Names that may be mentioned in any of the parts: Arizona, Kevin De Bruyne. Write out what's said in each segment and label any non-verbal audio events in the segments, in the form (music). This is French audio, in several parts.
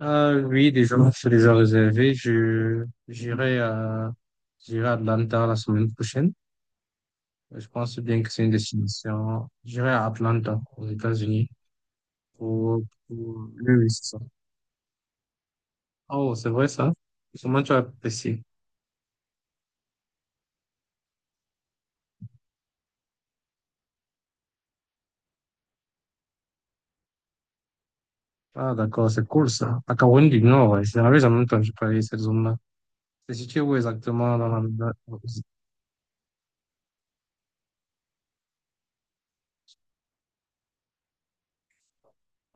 Ah oui, déjà, c'est déjà réservé. (laughs) J'irai à Atlanta la semaine prochaine. Je pense bien que c'est une destination. J'irai à Atlanta, aux États-Unis, pour, oui, oui, c'est ça. Oh, c'est vrai, ça? Comment tu as apprécié? Ah, d'accord, c'est cool, ça. À Caroline du Nord, ouais. C'est la en même temps que je parlais de cette zone-là. C'est situé où exactement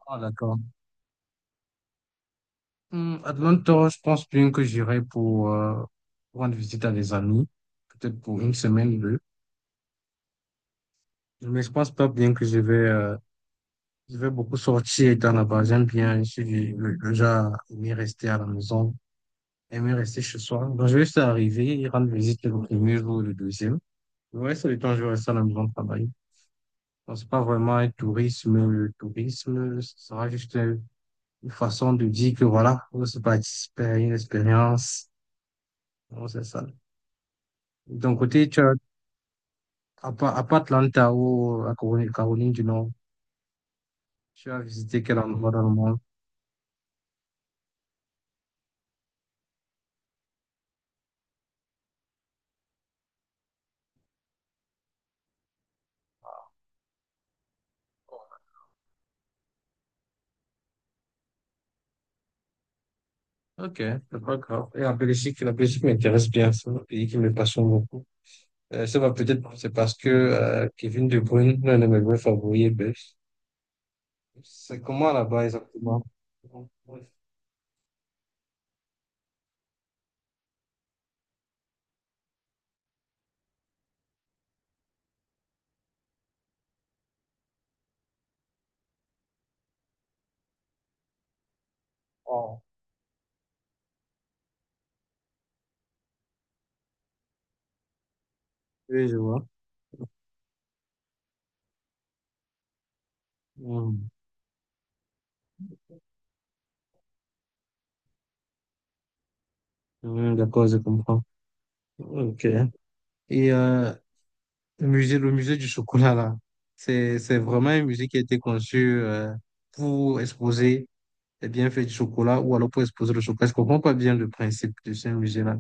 Ah, d'accord. Hmm, Atlanta, je pense bien que j'irai pour, rendre visite à des amis. Peut-être pour une semaine. Mais je pense pas bien que je vais beaucoup sortir étant là-bas. J'aime bien, je suis du- le genre à aimer rester à la maison, aimer rester chez soi. Donc, je vais juste arriver et rendre visite le premier jour ou le deuxième. Le reste du temps, je vais rester à la maison travailler. Donc, c'est pas vraiment un tourisme. Le tourisme, ce sera juste une façon de dire que voilà, on se participe à une expérience. Donc, c'est ça. De ton côté, tu as, à part Atlanta ou à Caroline, Caroline du Nord, tu as visité quel endroit dans le monde? Ok, c'est pas grave. Et la Belgique m'intéresse bien. C'est un pays qui me passionne beaucoup. Ça va peut-être, c'est parce que Kevin De Bruyne, l'un de mes vrais favoris, est belge. C'est comment là-bas exactement? Oh, oui, je vois. Hmm. Hmm, d'accord, je comprends. Ok. Et euh, le musée du chocolat, là, c'est vraiment un musée qui a été conçu pour exposer les bienfaits du chocolat ou alors pour exposer le chocolat. Je comprends pas bien le principe de ce musée-là.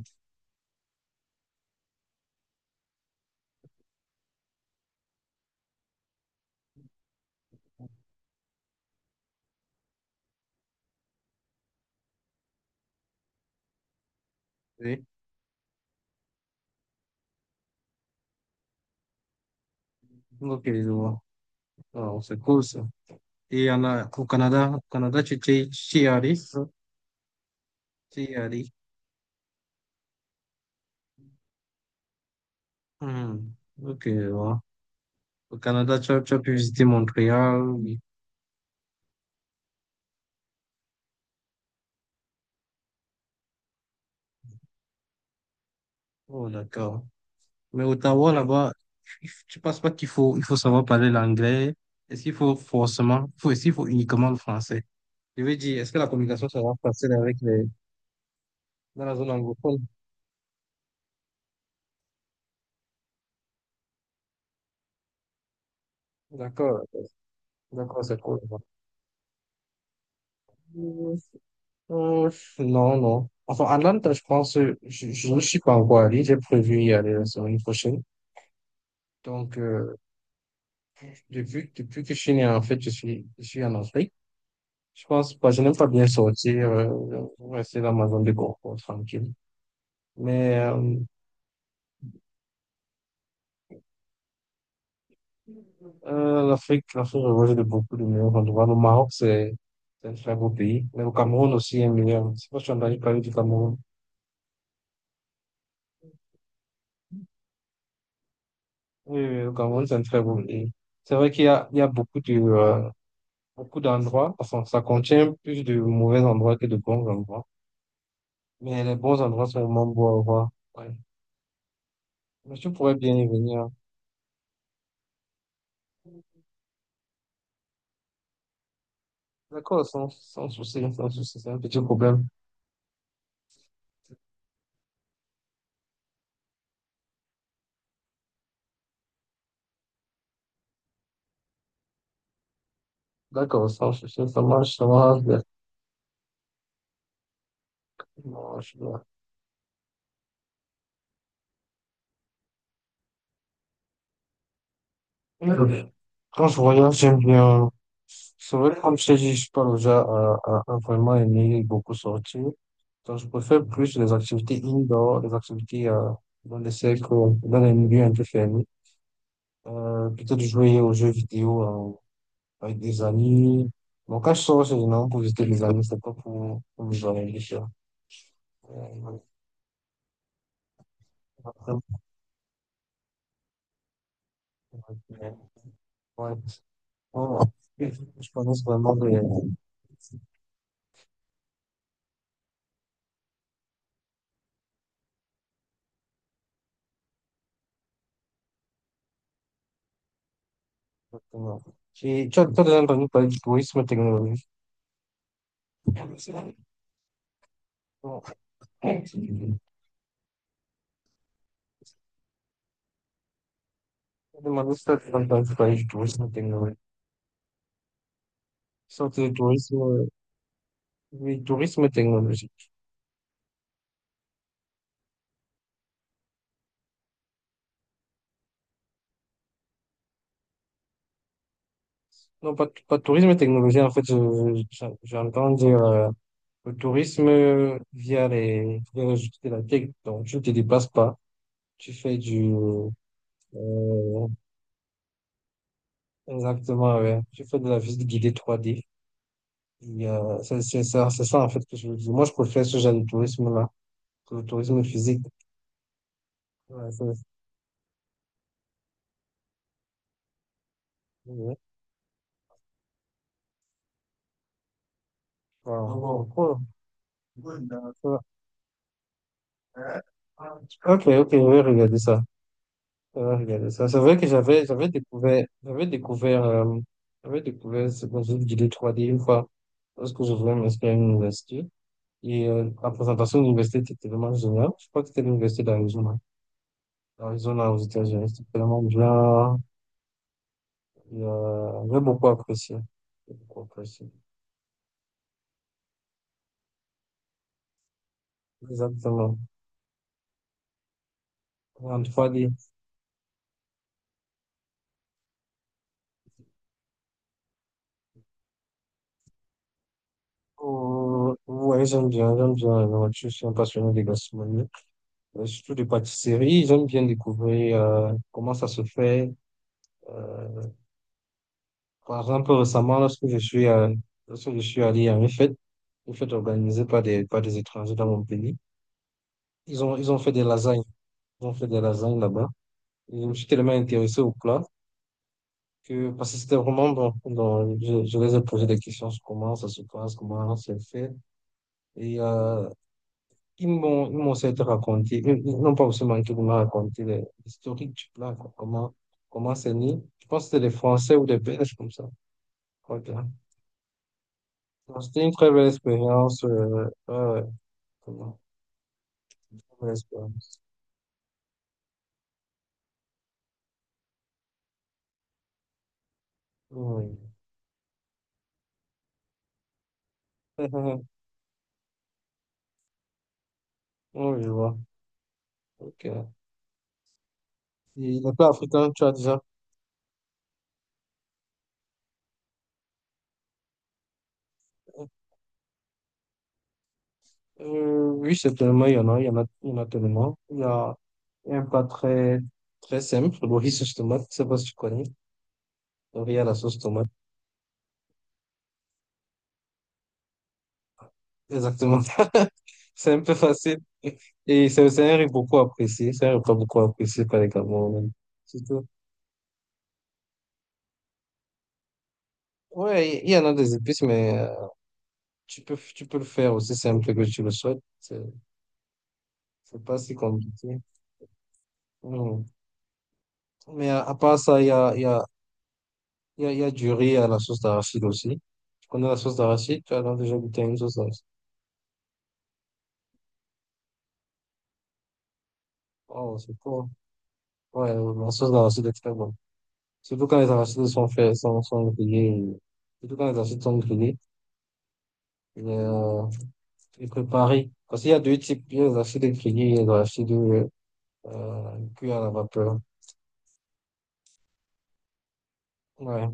Oui. Ok, je vois. Alors, c'est cool ça. Et en, au Canada, tu t'es allé, c'est ça? T'es allé. Hmm. Ok, je vois. Au Canada, tu as pu visiter Montréal. Oui. Oh, d'accord. Mais Ottawa, là-bas, il tu penses pas qu'il faut, il faut savoir parler l'anglais? Est-ce qu'il faut forcément, faut, est-ce qu'il faut uniquement le français? Je veux dire, est-ce que la communication sera facile avec les, dans la zone anglophone? D'accord, d'accord, c'est cool. Euh, non, non. Enfin, à Atlanta, je pense, je ne suis pas encore allé. J'ai prévu y aller la semaine prochaine. Donc, depuis que je suis né, en fait, je suis en Afrique. Je pense pas, je n'aime pas bien sortir, rester dans ma zone de confort, tranquille. Mais l'Afrique, l'Afrique regorge de beaucoup de meilleurs endroits. Le Maroc, c'est un très beau pays. Mais le Cameroun aussi est meilleur. Je sais pas si on a parler du Cameroun. Oui, oui, le Cameroun, c'est un très beau pays. C'est vrai qu'il y a, il y a beaucoup de, beaucoup d'endroits, enfin, ça contient plus de mauvais endroits que de bons endroits. Mais les bons endroits sont vraiment beaux à voir. Ouais. Mais tu pourrais bien y venir. D'accord, sans, sans souci, sans souci, c'est un petit problème. D'accord, sans souci, ça marche, ça marche bien. Ça marche bien. Ouais. Quand je voyage, j'aime bien. C'est vrai, comme je t'ai dit, je suis pas déjà à vraiment aimer beaucoup sortir. Donc, je préfère plus les activités indoor, les activités dans des cercles, dans les milieux un peu fermés. Plutôt de jouer aux jeux vidéo avec des amis. Bon, quand je sors, c'est généralement pour visiter les amis, c'est pas pour, pour me joindre à les gens. Euh, après, euh, Ouais. Bon, je pense vraiment de... Exactement. Tu as déjà entendu parler du tourisme technologique. Bon. Je demande si tu as déjà entendu parler du tourisme technologique. Sorte de tourisme, oui, tourisme technologique. Non, pas tourisme technologique, en fait, j'entends dire le tourisme via les outils de la tech, donc tu ne te déplaces pas. Tu fais du... euh, exactement, ouais. Tu fais de la visite guidée trois d. Et, c'est ça en fait que je veux dire. Moi, je préfère ce genre de tourisme-là que le tourisme physique. Ouais, ça, ouais. Voilà. Bon, cool. Ouais, d'accord. Ok, ok, je vais regarder ça. On va regarder ça. C'est vrai que j'avais découvert ce concept d'idée 3D une fois parce que je voulais m'inscrire à une université et la présentation de l'université était tellement géniale. Je crois que c'était l'université d'Arizona. Arizona aux États-Unis, c'était tellement bien. J'ai beaucoup apprécié. J'ai beaucoup apprécié. Exactement. En 3D. Oh, ouais, j'aime bien, j'aime bien la nourriture. Je suis un passionné des gastronomies, surtout des pâtisseries. J'aime bien découvrir comment ça se fait. euh, Par exemple, récemment, lorsque je suis allé à une fête organisée par des étrangers dans mon pays, ils ont fait des lasagnes. Ils ont fait des lasagnes là-bas. Et je me suis tellement intéressé au plat que, parce que c'était vraiment bon. Donc, je les ai posé des questions sur comment ça se passe, comment c'est fait. Et ils m'ont certes raconté, ils n'ont pas aussi manqué de me raconter l'historique du plat, quoi. Comment, comment c'est né. Je pense que c'était des Français ou des Belges comme ça. Ok. Non, c'était une très belle expérience. Ouais, vraiment, très belle expérience. Oui. (laughs) Oui, je vois. Ok. Et les plats africains, tu as déjà. Oui, c'est tellement, il y en a tellement. Il y a un plat très, très simple, le riz sauce tomate. Je sais pas si tu connais. Le riz à la sauce tomate. Exactement. (laughs) C'est un peu facile. Et c'est un riz beaucoup apprécié. C'est un repas beaucoup apprécié par les Camerounais. C'est tout. Ouais, il y en a des épices, mais. Tu peux le faire aussi simple que tu le souhaites. C'est pas si compliqué. Non. Mais à part ça, il y a, il y a, il y a, il y a du riz à la sauce d'arachide aussi. Tu connais la sauce d'arachide? Tu as donc déjà goûté à une sauce d'arachide? Oh, c'est cool. Ouais, la sauce d'arachide est très bonne. Surtout quand les arachides sont faits, sont grillés. Surtout quand les arachides sont grillés et, euh, et préparés. Parce qu'il y a deux types. Il y a les arachides grillés et les arachides cuits à la vapeur. Ouais,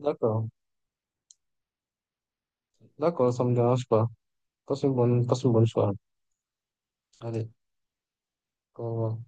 d'accord. D'accord, ça me dérange pas. Passe une bonne soirée. Allez, au